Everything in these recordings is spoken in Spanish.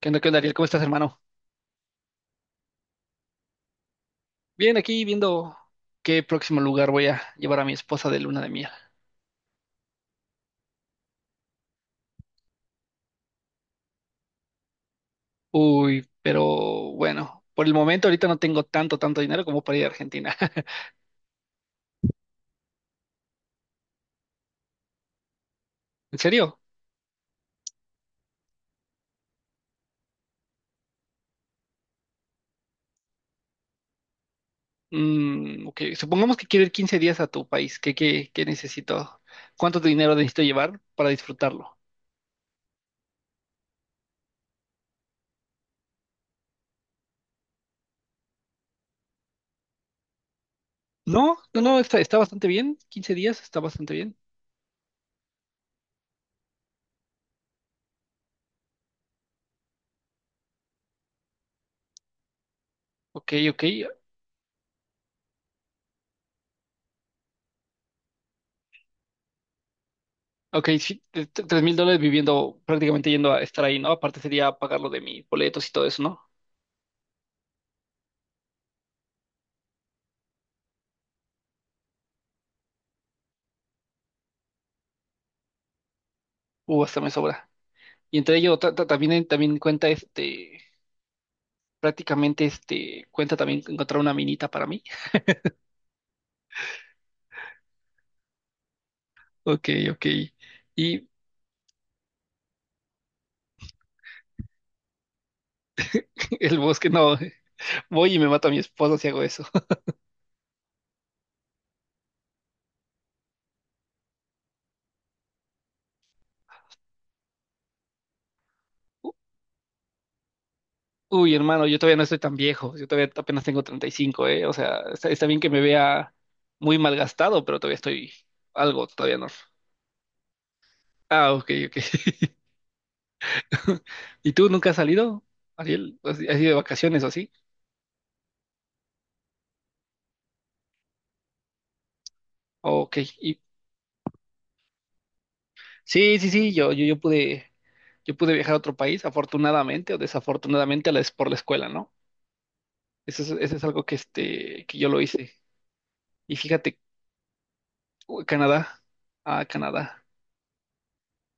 Qué onda, Ariel? ¿Cómo estás, hermano? Bien, aquí viendo qué próximo lugar voy a llevar a mi esposa de luna de miel. Uy, pero bueno, por el momento ahorita no tengo tanto dinero como para ir a Argentina. ¿En serio? Ok, supongamos que quiero ir 15 días a tu país. ¿Qué necesito? ¿Cuánto dinero necesito llevar para disfrutarlo? No, no, no, está bastante bien. 15 días está bastante bien. Ok, ok. Ok, sí, 3 mil dólares viviendo, prácticamente yendo a estar ahí, ¿no? Aparte sería pagar lo de mis boletos y todo eso, ¿no? Hasta me sobra. Y entre ello también cuenta este, prácticamente este, cuenta también encontrar una minita para mí. Ok, ok. Y el bosque, no, voy y me mato a mi esposo si hago eso. Uy, hermano, yo todavía no estoy tan viejo, yo todavía apenas tengo 35, ¿eh? O sea, está bien que me vea muy malgastado, pero todavía estoy algo, todavía no. Ah, ok, ok. ¿Y tú nunca has salido, Ariel? ¿Has ido de vacaciones o así? Ok, sí, sí, sí, yo pude viajar a otro país, afortunadamente o desafortunadamente, es por la escuela, ¿no? Eso es algo que, este, que yo lo hice. Y fíjate, uy, a Canadá.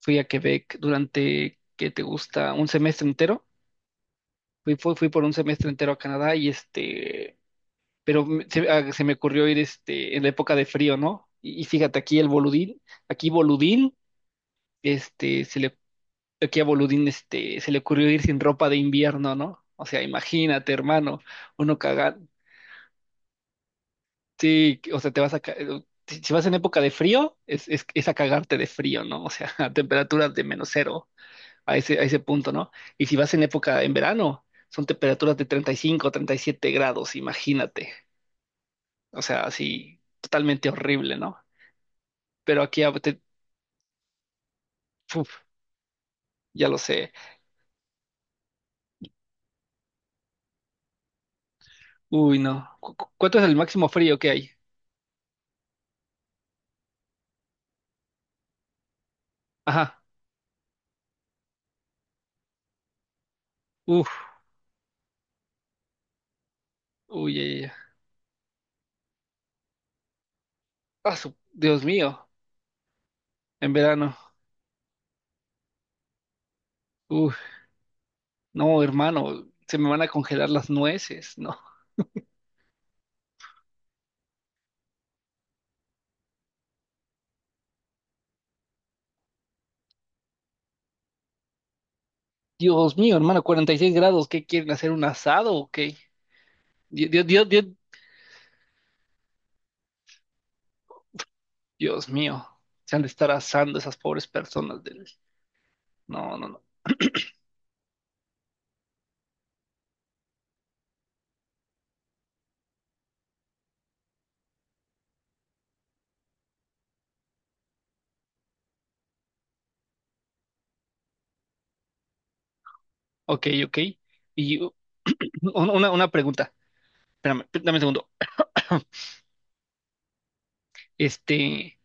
Fui a Quebec durante, ¿qué te gusta? Un semestre entero. Fui por un semestre entero a Canadá y este, pero se me ocurrió ir este, en la época de frío, ¿no? Y fíjate, aquí boludín, este, se le Aquí a Boludín este, se le ocurrió ir sin ropa de invierno, ¿no? O sea, imagínate, hermano, uno cagar. Sí, o sea, te vas a. ca- Si si vas en época de frío, es a cagarte de frío, ¿no? O sea, a temperaturas de menos cero, a ese punto, ¿no? Y si vas en época en verano, son temperaturas de 30 35, 37 grados, imagínate. O sea, así, totalmente horrible, ¿no? Pero aquí, uf, ya lo sé. Uy, no. ¿Cuánto es el máximo frío que hay? Ajá. Uf. Uy, ya, ya, ya. Ah, Dios mío, en verano. Uf, no, hermano, se me van a congelar las nueces, no. Dios mío, hermano, 46 grados, ¿qué quieren hacer? ¿Un asado o qué? Dios, Dios, Dios, Dios, Dios mío, se han de estar asando esas pobres personas del... No, no, no. Ok, ok. Y una pregunta, espérame, dame un segundo. Este,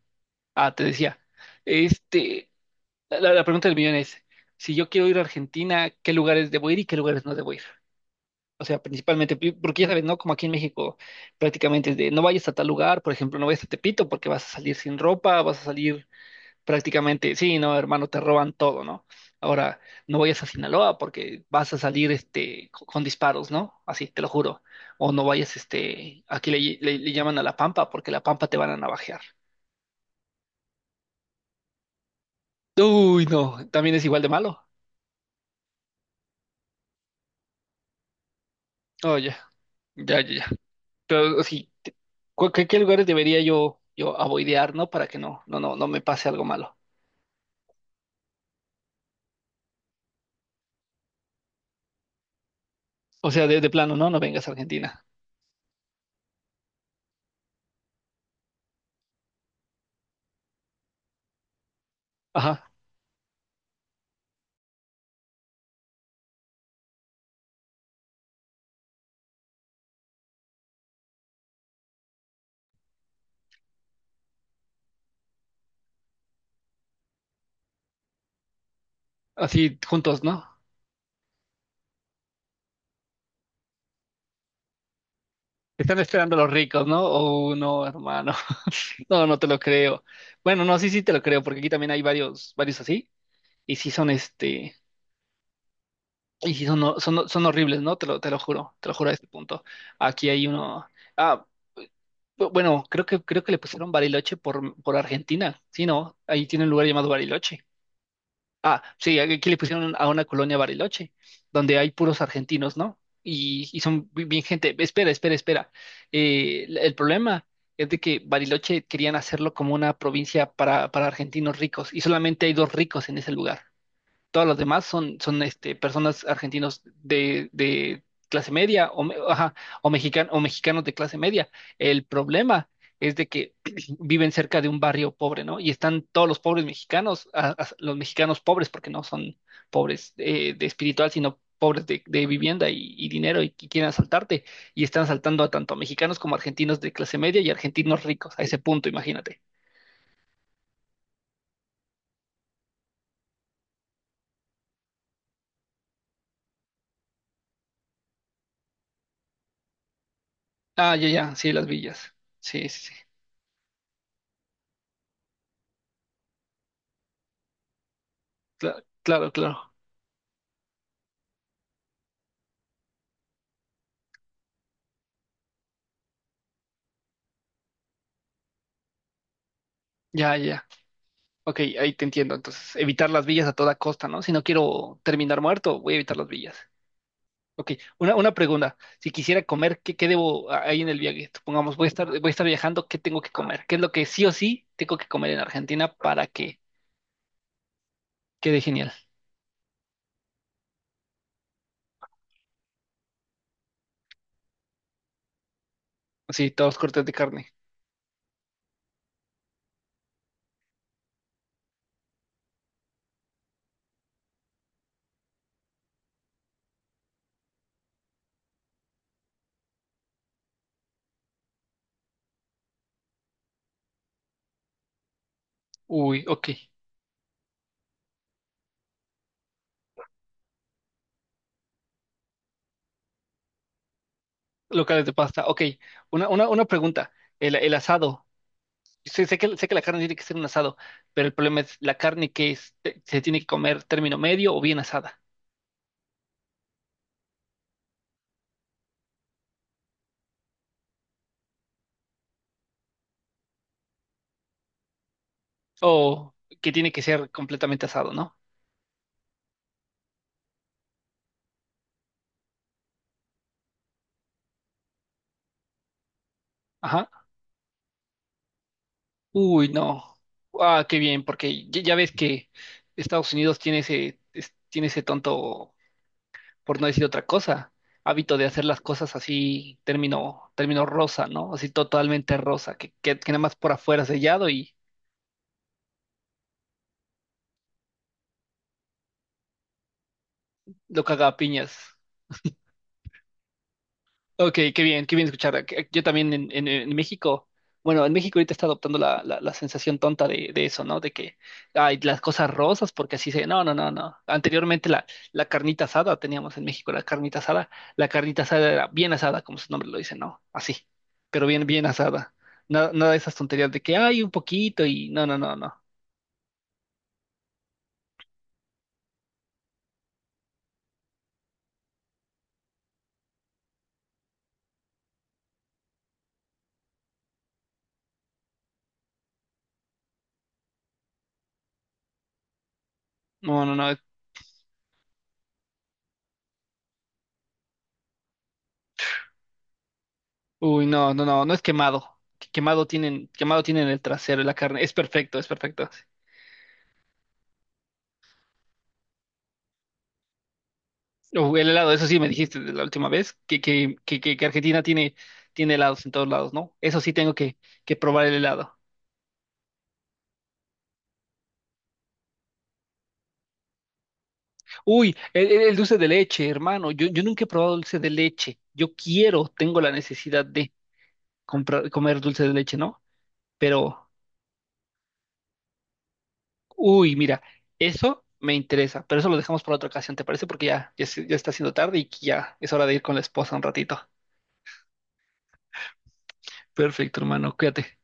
te decía, este, la pregunta del millón es, si yo quiero ir a Argentina, ¿qué lugares debo ir y qué lugares no debo ir? O sea, principalmente, porque ya sabes, ¿no? Como aquí en México prácticamente es de no vayas a tal lugar, por ejemplo, no vayas a Tepito porque vas a salir sin ropa, vas a salir prácticamente, sí, no, hermano, te roban todo, ¿no? Ahora, no vayas a Sinaloa porque vas a salir este, con disparos, ¿no? Así, te lo juro. O no vayas, este, aquí le llaman a La Pampa porque La Pampa te van a navajear. Uy, no, también es igual de malo. Oye, ya, ya, ya. Ya. Pero sí, ¿qué lugares debería yo avoidear, ¿no? Para que no me pase algo malo. O sea, de plano, ¿no? No vengas a Argentina. Ajá. Así juntos, ¿no? Están esperando los ricos, ¿no? Oh, no, hermano. No, no te lo creo. Bueno, no, sí, sí te lo creo, porque aquí también hay varios, varios así. Y sí son este, y sí son, no, son horribles, ¿no? Te lo juro a este punto. Aquí hay uno. Ah, bueno, creo que le pusieron Bariloche por Argentina. Sí, ¿no? Ahí tiene un lugar llamado Bariloche. Ah, sí, aquí le pusieron a una colonia Bariloche, donde hay puros argentinos, ¿no? Y son bien gente. Espera, espera, espera. El problema es de que Bariloche querían hacerlo como una provincia para argentinos ricos y solamente hay dos ricos en ese lugar, todos los demás personas argentinos de clase media ajá, o mexicanos de clase media. El problema es de que viven cerca de un barrio pobre, ¿no? Y están todos los pobres mexicanos, los mexicanos pobres, porque no son pobres de espiritual, sino pobres de vivienda y dinero que quieren asaltarte. Y están asaltando a tanto mexicanos como argentinos de clase media y argentinos ricos, a ese punto, imagínate. Ah, ya, ya, sí, las villas. Sí, sí, sí. Claro, claro. Ya, ya. Ok, ahí te entiendo. Entonces, evitar las villas a toda costa, ¿no? Si no quiero terminar muerto, voy a evitar las villas. Ok, una pregunta. Si quisiera comer, ¿qué debo ahí en el viaje? Supongamos, voy a estar viajando, ¿qué tengo que comer? ¿Qué es lo que sí o sí tengo que comer en Argentina para que quede genial? Así, todos cortes de carne. Uy, ok. Locales de pasta. Ok, una pregunta. El asado. Sé que la carne tiene que ser un asado, pero el problema es, ¿la carne que es? ¿Se tiene que comer término medio o bien asada? O que tiene que ser completamente asado, ¿no? Ajá. Uy, no. Ah, qué bien, porque ya ves que Estados Unidos tiene ese tonto, por no decir otra cosa, hábito de hacer las cosas así, término rosa, ¿no? Así totalmente rosa, que nada más por afuera sellado y lo caga a piñas. Ok, qué bien escuchar. Yo también en México, bueno, en México ahorita está adoptando la, la sensación tonta de eso, ¿no? De que hay las cosas rosas, porque así se. No, no, no, no. Anteriormente la carnita asada teníamos en México, la carnita asada. La carnita asada era bien asada, como su nombre lo dice, ¿no? Así, pero bien, bien asada. Nada, nada de esas tonterías de que hay un poquito y. No, no, no, no. No, no, no. Uy, no, no, no, no es quemado. Quemado tienen el trasero y la carne. Es perfecto, es perfecto. Sí. O el helado, eso sí me dijiste de la última vez, que Argentina tiene helados en todos lados, ¿no? Eso sí tengo que probar el helado. Uy, el dulce de leche, hermano. Yo nunca he probado dulce de leche. Yo quiero, tengo la necesidad de comprar, comer dulce de leche, ¿no? Pero, uy, mira, eso me interesa, pero eso lo dejamos para otra ocasión, ¿te parece? Porque ya está siendo tarde y ya es hora de ir con la esposa un ratito. Perfecto, hermano, cuídate.